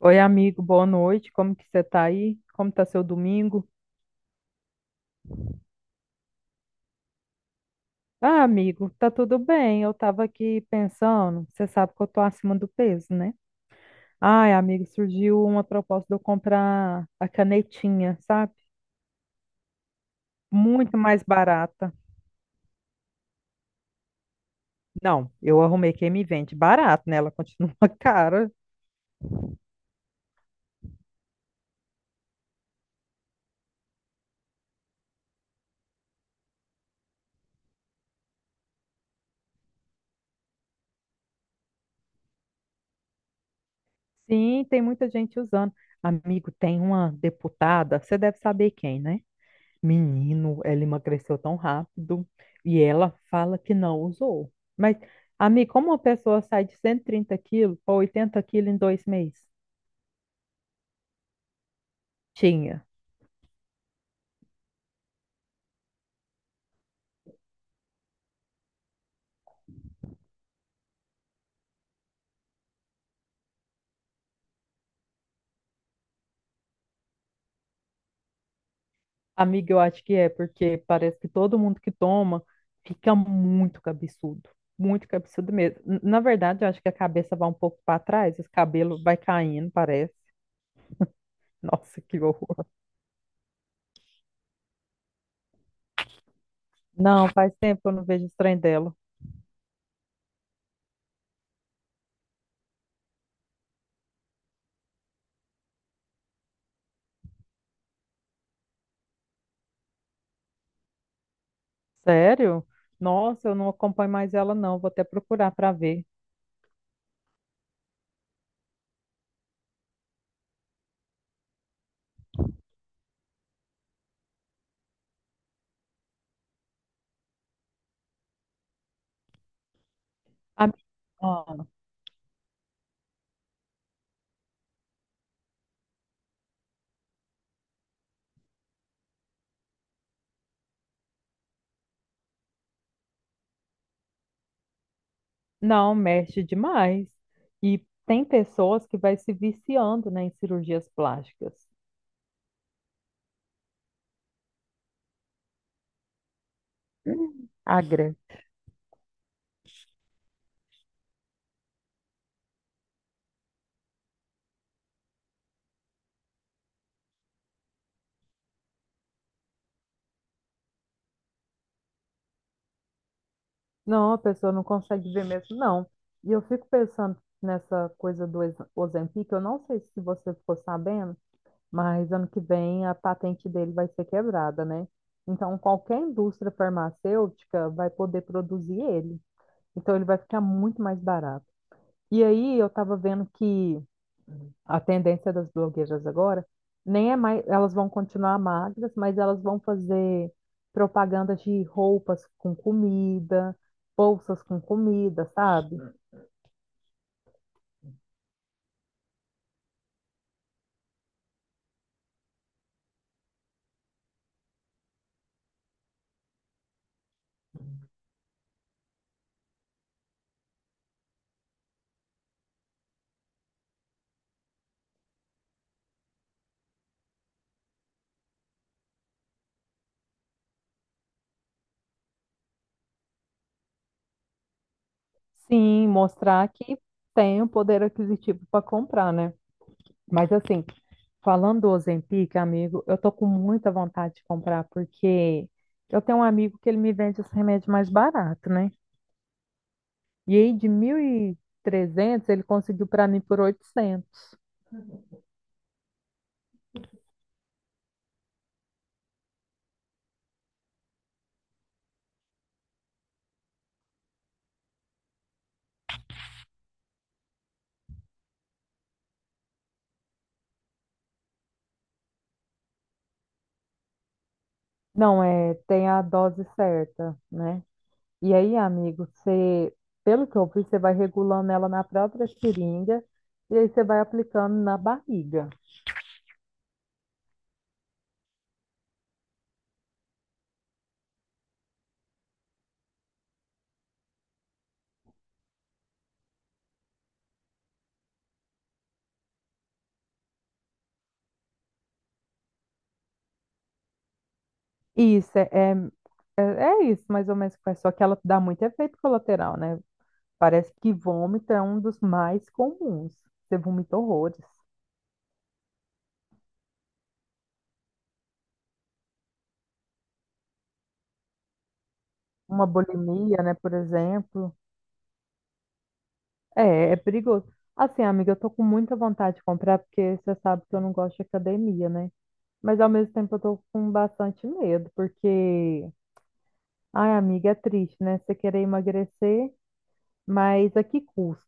Oi, amigo, boa noite. Como que você tá aí? Como tá seu domingo? Ah, amigo, tá tudo bem. Eu tava aqui pensando, você sabe que eu tô acima do peso, né? Ai, amigo, surgiu uma proposta de eu comprar a canetinha, sabe? Muito mais barata. Não, eu arrumei quem me vende barato, né? Ela continua cara. Sim, tem muita gente usando. Amigo, tem uma deputada, você deve saber quem, né? Menino, ela emagreceu tão rápido e ela fala que não usou. Mas, amiga, como uma pessoa sai de 130 quilos para 80 quilos em 2 meses? Tinha. Amiga, eu acho que é, porque parece que todo mundo que toma fica muito cabeçudo. Muito cabeçudo mesmo. Na verdade, eu acho que a cabeça vai um pouco para trás, os cabelos vai caindo, parece. Nossa, que horror. Não, faz tempo que eu não vejo o trem dela. Sério? Nossa, eu não acompanho mais ela, não. Vou até procurar para ver. A mi- ah, Não, mexe demais. E tem pessoas que vai se viciando, né, em cirurgias plásticas. Agra. Não, a pessoa não consegue ver mesmo, não. E eu fico pensando nessa coisa do Ozempic, eu não sei se você ficou sabendo, mas ano que vem a patente dele vai ser quebrada, né? Então qualquer indústria farmacêutica vai poder produzir ele. Então ele vai ficar muito mais barato. E aí eu estava vendo que a tendência das blogueiras agora nem é mais, elas vão continuar magras, mas elas vão fazer propaganda de roupas com comida, bolsas com comida, sabe? Sim, mostrar que tem o poder aquisitivo para comprar, né? Mas assim, falando do Ozempic, amigo, eu tô com muita vontade de comprar porque eu tenho um amigo que ele me vende esse remédio mais barato, né? E aí de 1.300 ele conseguiu para mim por 800. Não, é, tem a dose certa, né? E aí, amigo, você, pelo que eu vi, você vai regulando ela na própria seringa e aí você vai aplicando na barriga. Isso, é, é, é é isso mais ou menos que faz, só que ela dá muito efeito colateral, né? Parece que vômito é um dos mais comuns. Você vomita horrores. Uma bulimia, né, por exemplo. É, é perigoso. Assim, amiga, eu tô com muita vontade de comprar, porque você sabe que eu não gosto de academia, né? Mas ao mesmo tempo eu tô com bastante medo, porque, ai, amiga, é triste, né? Você querer emagrecer, mas a que custo?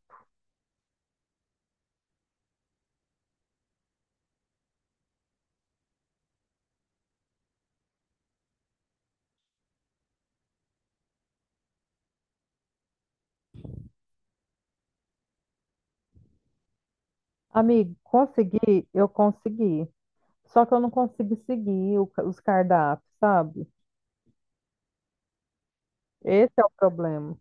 Amigo, consegui, eu consegui. Só que eu não consigo seguir o os cardápios, sabe? Esse é o problema.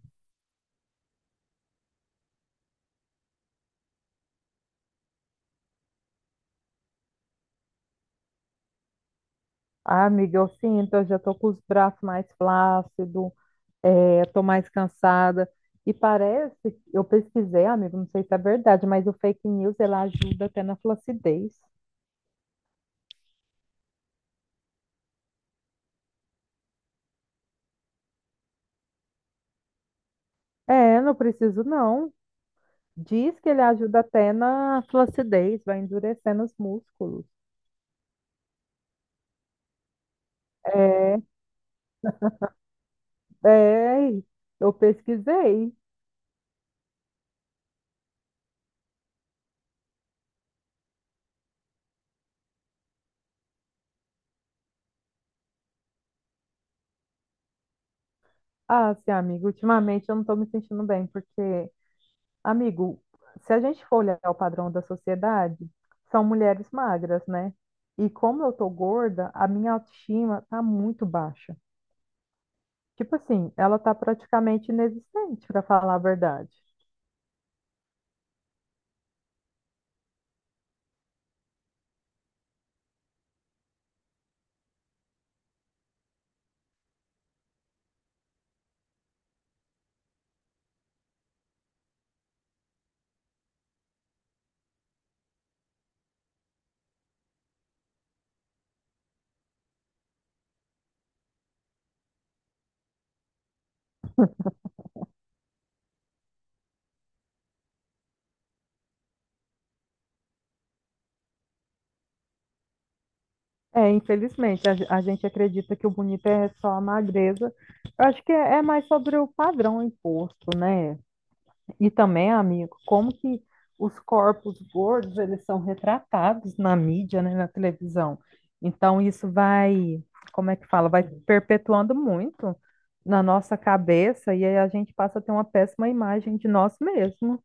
Ai, amiga, eu sinto, eu já tô com os braços mais flácidos, é, tô mais cansada. E parece, eu pesquisei, amigo, não sei se é verdade, mas o fake news, ela ajuda até na flacidez. É, não preciso não. Diz que ele ajuda até na flacidez, vai endurecendo os músculos. É, é, eu pesquisei. Ah, sim, amigo, ultimamente eu não estou me sentindo bem, porque, amigo, se a gente for olhar o padrão da sociedade, são mulheres magras, né? E como eu tô gorda, a minha autoestima tá muito baixa. Tipo assim, ela tá praticamente inexistente, para falar a verdade. É, infelizmente, a gente acredita que o bonito é só a magreza. Eu acho que é, é mais sobre o padrão imposto, né? E também, amigo, como que os corpos gordos, eles são retratados na mídia, né, na televisão. Então, isso vai, como é que fala? Vai perpetuando muito na nossa cabeça e aí a gente passa a ter uma péssima imagem de nós mesmos.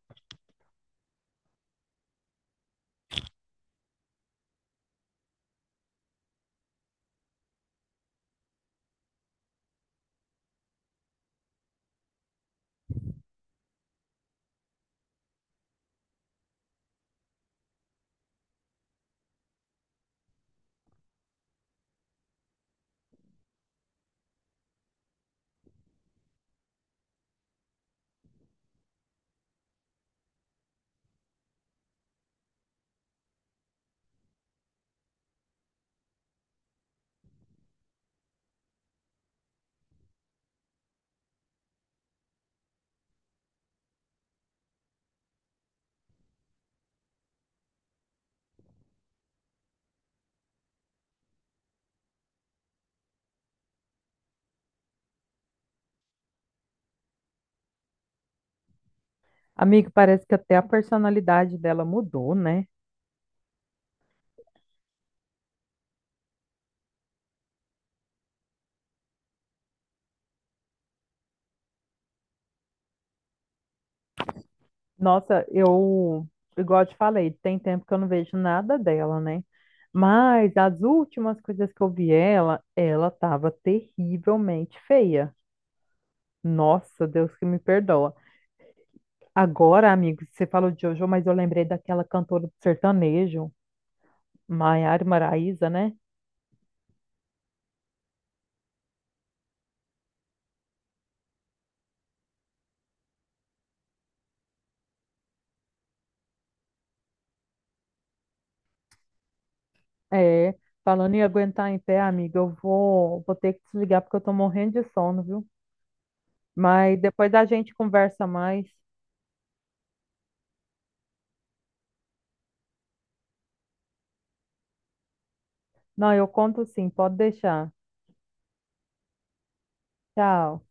Amigo, parece que até a personalidade dela mudou, né? Nossa, eu, igual eu te falei, tem tempo que eu não vejo nada dela, né? Mas as últimas coisas que eu vi ela, ela tava terrivelmente feia. Nossa, Deus que me perdoa. Agora, amigo, você falou de Jojo, mas eu lembrei daquela cantora do sertanejo, Maiara Maraíza, né? É, falando em aguentar em pé, amiga, eu vou, vou ter que desligar porque eu tô morrendo de sono, viu? Mas depois a gente conversa mais. Não, eu conto sim, pode deixar. Tchau.